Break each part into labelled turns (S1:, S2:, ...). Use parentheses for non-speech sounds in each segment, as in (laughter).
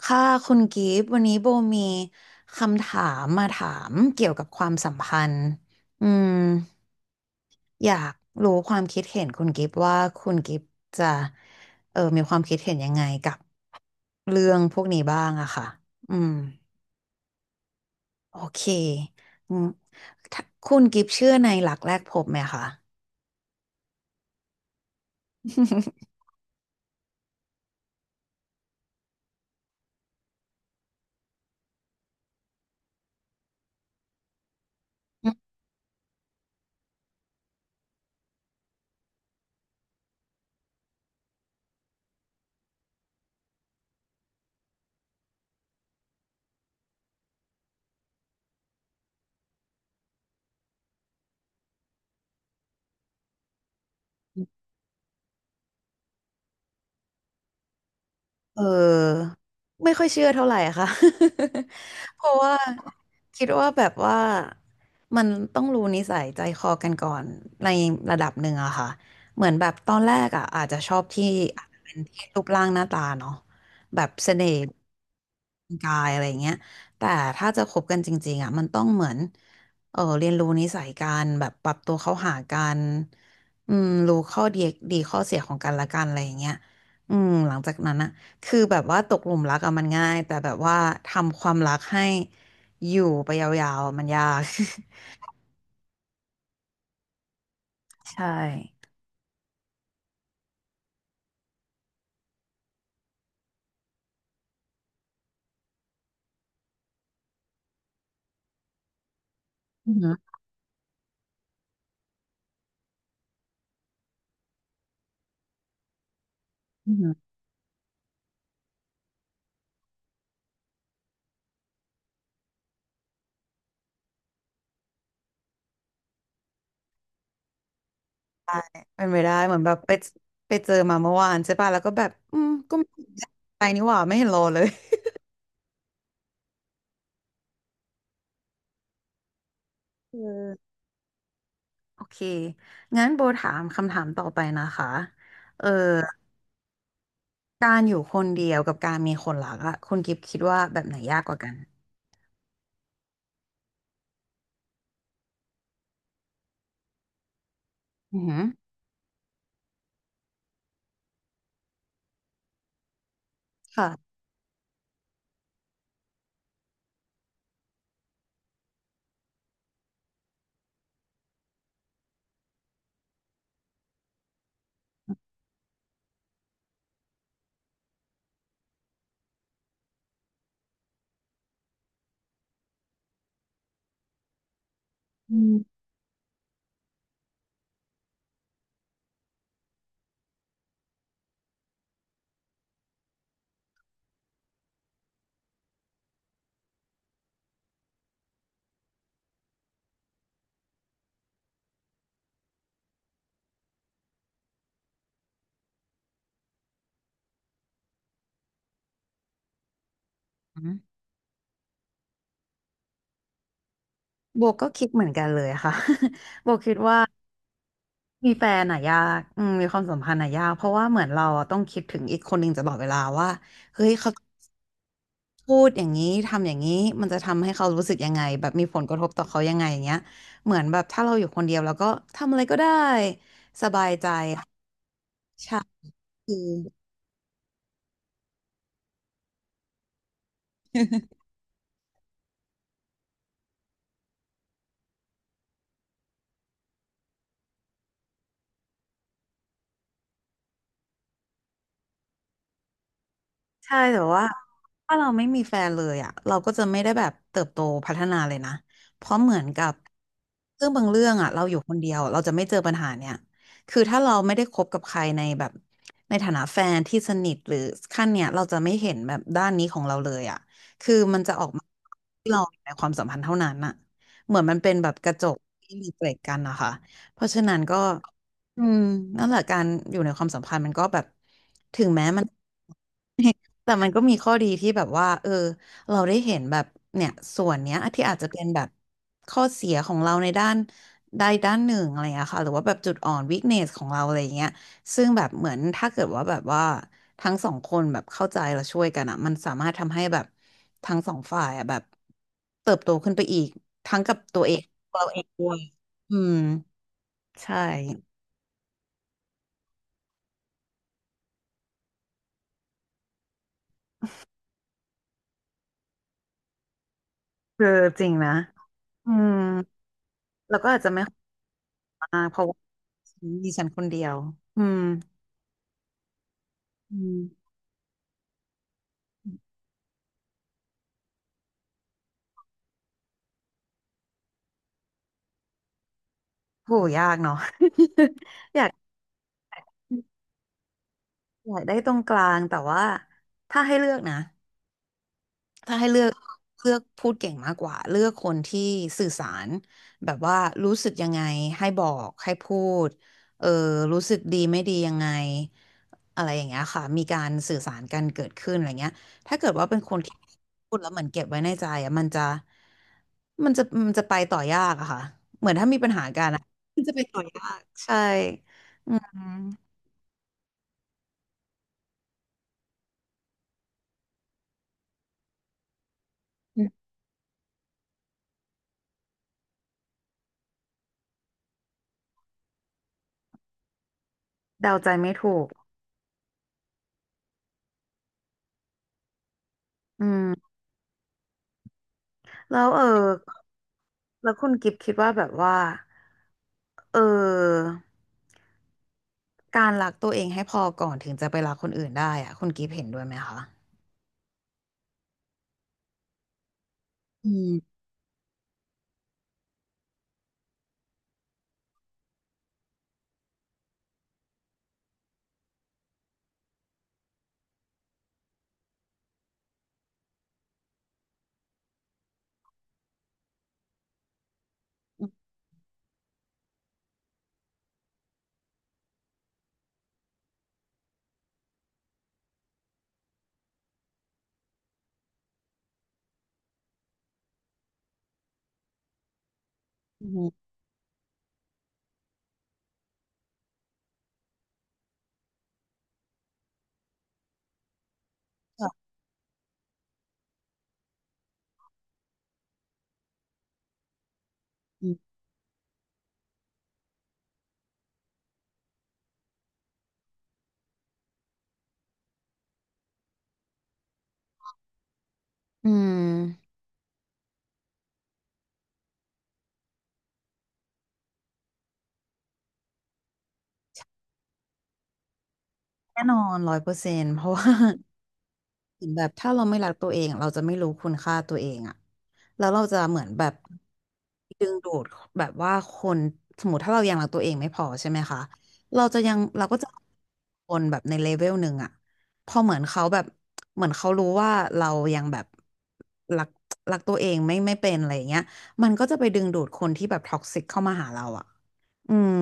S1: ค่ะคุณกิฟต์วันนี้โบมีคำถามมาถามเกี่ยวกับความสัมพันธ์อืมอยากรู้ความคิดเห็นคุณกิฟต์ว่าคุณกิฟต์จะมีความคิดเห็นยังไงกับเรื่องพวกนี้บ้างอะค่ะอืมโอเคอืมถ้าคุณกิฟต์เชื่อในหลักแรกพบไหมคะ (laughs) เออไม่ค่อยเชื่อเท่าไหร่ค่ะ (laughs) เพราะว่าคิดว่าแบบว่ามันต้องรู้นิสัยใจคอกันก่อนในระดับหนึ่งอะค่ะเหมือนแบบตอนแรกอะอาจจะชอบที่อาจจะเป็นที่รูปร่างหน้าตาเนาะแบบเสน่ห์กายอะไรเงี้ยแต่ถ้าจะคบกันจริงๆอะมันต้องเหมือนเรียนรู้นิสัยกันแบบปรับตัวเข้าหากันอืมรู้ข้อดีข้อเสียของกันและกันอะไรอย่างเงี้ยอืมหลังจากนั้นอะ คือแบบว่าตกหลุมรักอะมันง่ายแต่แบบว่าทำความรักให้อยู่ไปยาวๆอะมันยาก (laughs) ใช่อือหืออือหือเป็นไปได้เหมือนแบบไปเจอมาเมื่อวานใช่ป่ะแล้วก็แบบอืมก็ไม่ใจนี่หว่าไม่เห็นรอเลยเออโอเคงั้นโบถามคำถามต่อไปนะคะเออการอยู่คนเดียวกับการมีคนรักอะคุณกิฟต์คิดว่าแบบไหนยากกว่ากันอือหือค่ะอืมโบก็คิดเหมือนกันเลยค่ะ (laughs) โบคิดว่า มีแฟนอะยากอืมมีความสัมพันธ์อะยากเพราะว่าเหมือนเราอะต้องคิดถึงอีกคนหนึ่งตลอดเวลาว่าเฮ้ยเขาพูดอย่างนี้ทำอย่างนี้มันจะทำให้เขารู้สึกยังไงแบบมีผลกระทบต่อเขายังไงอย่างเงี้ยเหมือนแบบถ้าเราอยู่คนเดียวแล้วก็ทำอะไรก็ได้สบายใจใช่ ใช่แต่ว่าถ้าเราไม่มีแฟนเลยอ่ะเราก็จะไม่ได้แบบเติบโตพัฒนาเลยนะเพราะเหมือนกับเรื่องบางเรื่องอ่ะเราอยู่คนเดียวเราจะไม่เจอปัญหาเนี่ยคือถ้าเราไม่ได้คบกับใครในแบบในฐานะแฟนที่สนิทหรือขั้นเนี่ยเราจะไม่เห็นแบบด้านนี้ของเราเลยอ่ะคือมันจะออกมาที่เราในความสัมพันธ์เท่านั้นอ่ะเหมือนมันเป็นแบบกระจกที่มีเกล็ดกันนะคะเพราะฉะนั้นก็อืมนั่นแหละการอยู่ในความสัมพันธ์มันก็แบบถึงแม้มัน (laughs) แต่มันก็มีข้อดีที่แบบว่าเออเราได้เห็นแบบเนี่ยส่วนเนี้ยที่อาจจะเป็นแบบข้อเสียของเราในด้านใดด้านหนึ่งอะไรอย่างเงี้ยค่ะหรือว่าแบบจุดอ่อนวิคเนสของเราอะไรอย่างเงี้ยซึ่งแบบเหมือนถ้าเกิดว่าแบบว่าทั้งสองคนแบบเข้าใจและช่วยกันอ่ะมันสามารถทำให้แบบทั้งสองฝ่ายอ่ะแบบเติบโตขึ้นไปอีกทั้งกับตัวเองเราเองด้วยอืมใช่คือจริงนะอืมแล้วก็อาจจะไม่ขอมากเพราะว่า ดิฉันคนเดียวอืมอืมโหยากเนาะ (laughs) อยากอยากได้ตรงกลางแต่ว่าถ้าให้เลือกนะถ้าให้เลือกเลือกพูดเก่งมากกว่าเลือกคนที่สื่อสารแบบว่ารู้สึกยังไงให้บอกให้พูดเออรู้สึกดีไม่ดียังไงอะไรอย่างเงี้ยค่ะมีการสื่อสารกันเกิดขึ้นอะไรเงี้ยถ้าเกิดว่าเป็นคนที่พูดแล้วเหมือนเก็บไว้ในใจอะมันจะมันจะไปต่อยากอะค่ะ มันจะไปต่อยากใช่อืมเดาใจไม่ถูกอืมแล้วแล้วคุณกิฟต์คิดว่าแบบว่าเออการรักตัวเองให้พอก่อนถึงจะไปรักคนอื่นได้อะคุณกิฟต์เห็นด้วยไหมคะอืมอืมค่ะอืมอืมแน่นอนร้อยเปอร์เซนต์เพราะว่า (laughs) เหมือนแบบถ้าเราไม่รักตัวเองเราจะไม่รู้คุณค่าตัวเองอะแล้วเราจะเหมือนแบบดึงดูดแบบว่าคนสมมติถ้าเรายังรักตัวเองไม่พอใช่ไหมคะเราจะยังเราก็จะคนแบบในเลเวลหนึ่งอะพอเหมือนเขาแบบเหมือนเขารู้ว่าเรายังแบบรักรักตัวเองไม่เป็นอะไรอย่างเงี้ยมันก็จะไปดึงดูดคนที่แบบท็อกซิกเข้ามาหาเราอะอืม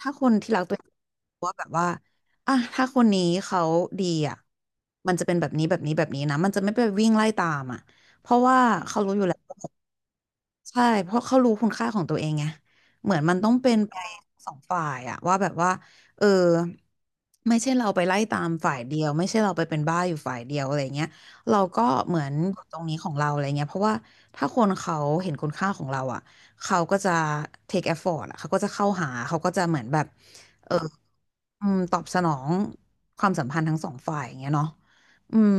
S1: ถ้าคนที่รักตัวเองว่าแบบว่าอ่ะถ้าคนนี้เขาดีอ่ะมันจะเป็นแบบนี้แบบนี้แบบนี้นะมันจะไม่ไปวิ่งไล่ตามอ่ะเพราะว่าเขารู้อยู่แล้วใช่เพราะเขารู้คุณค่าของตัวเองไงเหมือนมันต้องเป็นไปสองฝ่ายอะว่าแบบว่าเออไม่ใช่เราไปไล่ตามฝ่ายเดียวไม่ใช่เราไปเป็นบ้าอยู่ฝ่ายเดียวอะไรเงี้ยเราก็เหมือนอยู่ตรงนี้ของเราอะไรเงี้ยเพราะว่าถ้าคนเขาเห็นคุณค่าของเราอะ เขาก็จะ take effort อะเขาก็จะเข้าหา เขาก็จะเหมือนแบบเอออืมตอบสนองความสัมพันธ์ทั้งสองฝ่ายอย่างเงี้ยเนาะอืม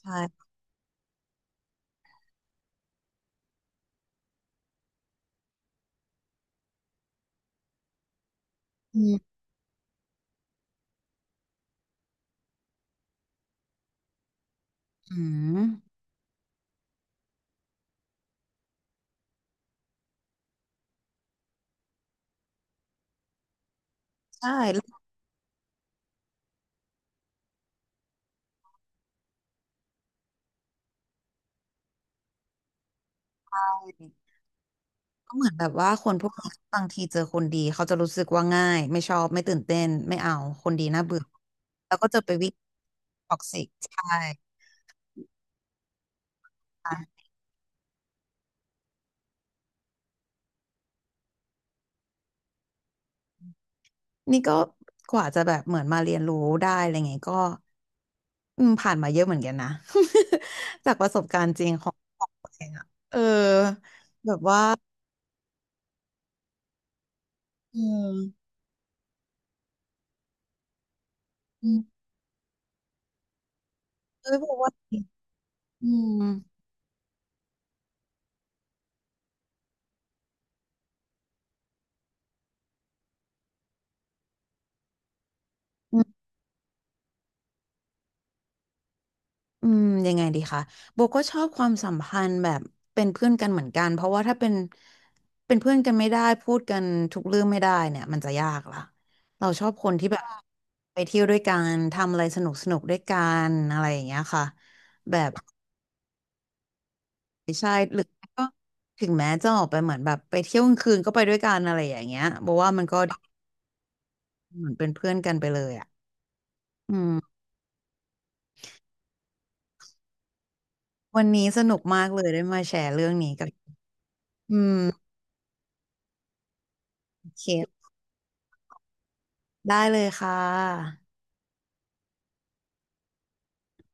S1: ใช่อืมอืมใช่แล้วก็เหมือนแบบว่าคนพวกนี้บางทีเจอคนดีเขาจะรู้สึกว่าง่ายไม่ชอบไม่ตื่นเต้นไม่เอาคนดีน่าเบื่อแล้วก็จะไปวิ่งท็อกซิกใช่ นี่ก็กว่าจะแบบเหมือนมาเรียนรู้ได้อะไรเงี้ยก็อืมผ่านมาเยอะเหมือนกันนะ (laughs) จากประสบการณ์จริงของตัวเองอะเออแบบว่าอืมอืมเอ้ยบอกว่าอืมอืมอืมยังไงดีคะโบก็ชอบความสัมพันธ์แบบเป็นเพื่อนกันเหมือนกันเพราะว่าถ้าเป็นเพื่อนกันไม่ได้พูดกันทุกเรื่องไม่ได้เนี่ยมันจะยากละเราชอบคนที่แบบไปเที่ยวด้วยกันทำอะไรสนุกสนุกด้วยกันอะไรอย่างเงี้ยค่ะแบบ หรือก็ถึงแม้จะออกไปเหมือนแบบไปเที่ยวกลางคืนก็ไปด้วยกันอะไรอย่างเงี้ยบอกว่ามันก็เหมือนเป็นเพื่อนกันไปเลยอ่ะอืมวันนี้สนุกมากเลยได้มาแชร์เรื่องนี้กันอืมโอเคได้เลยค่ะ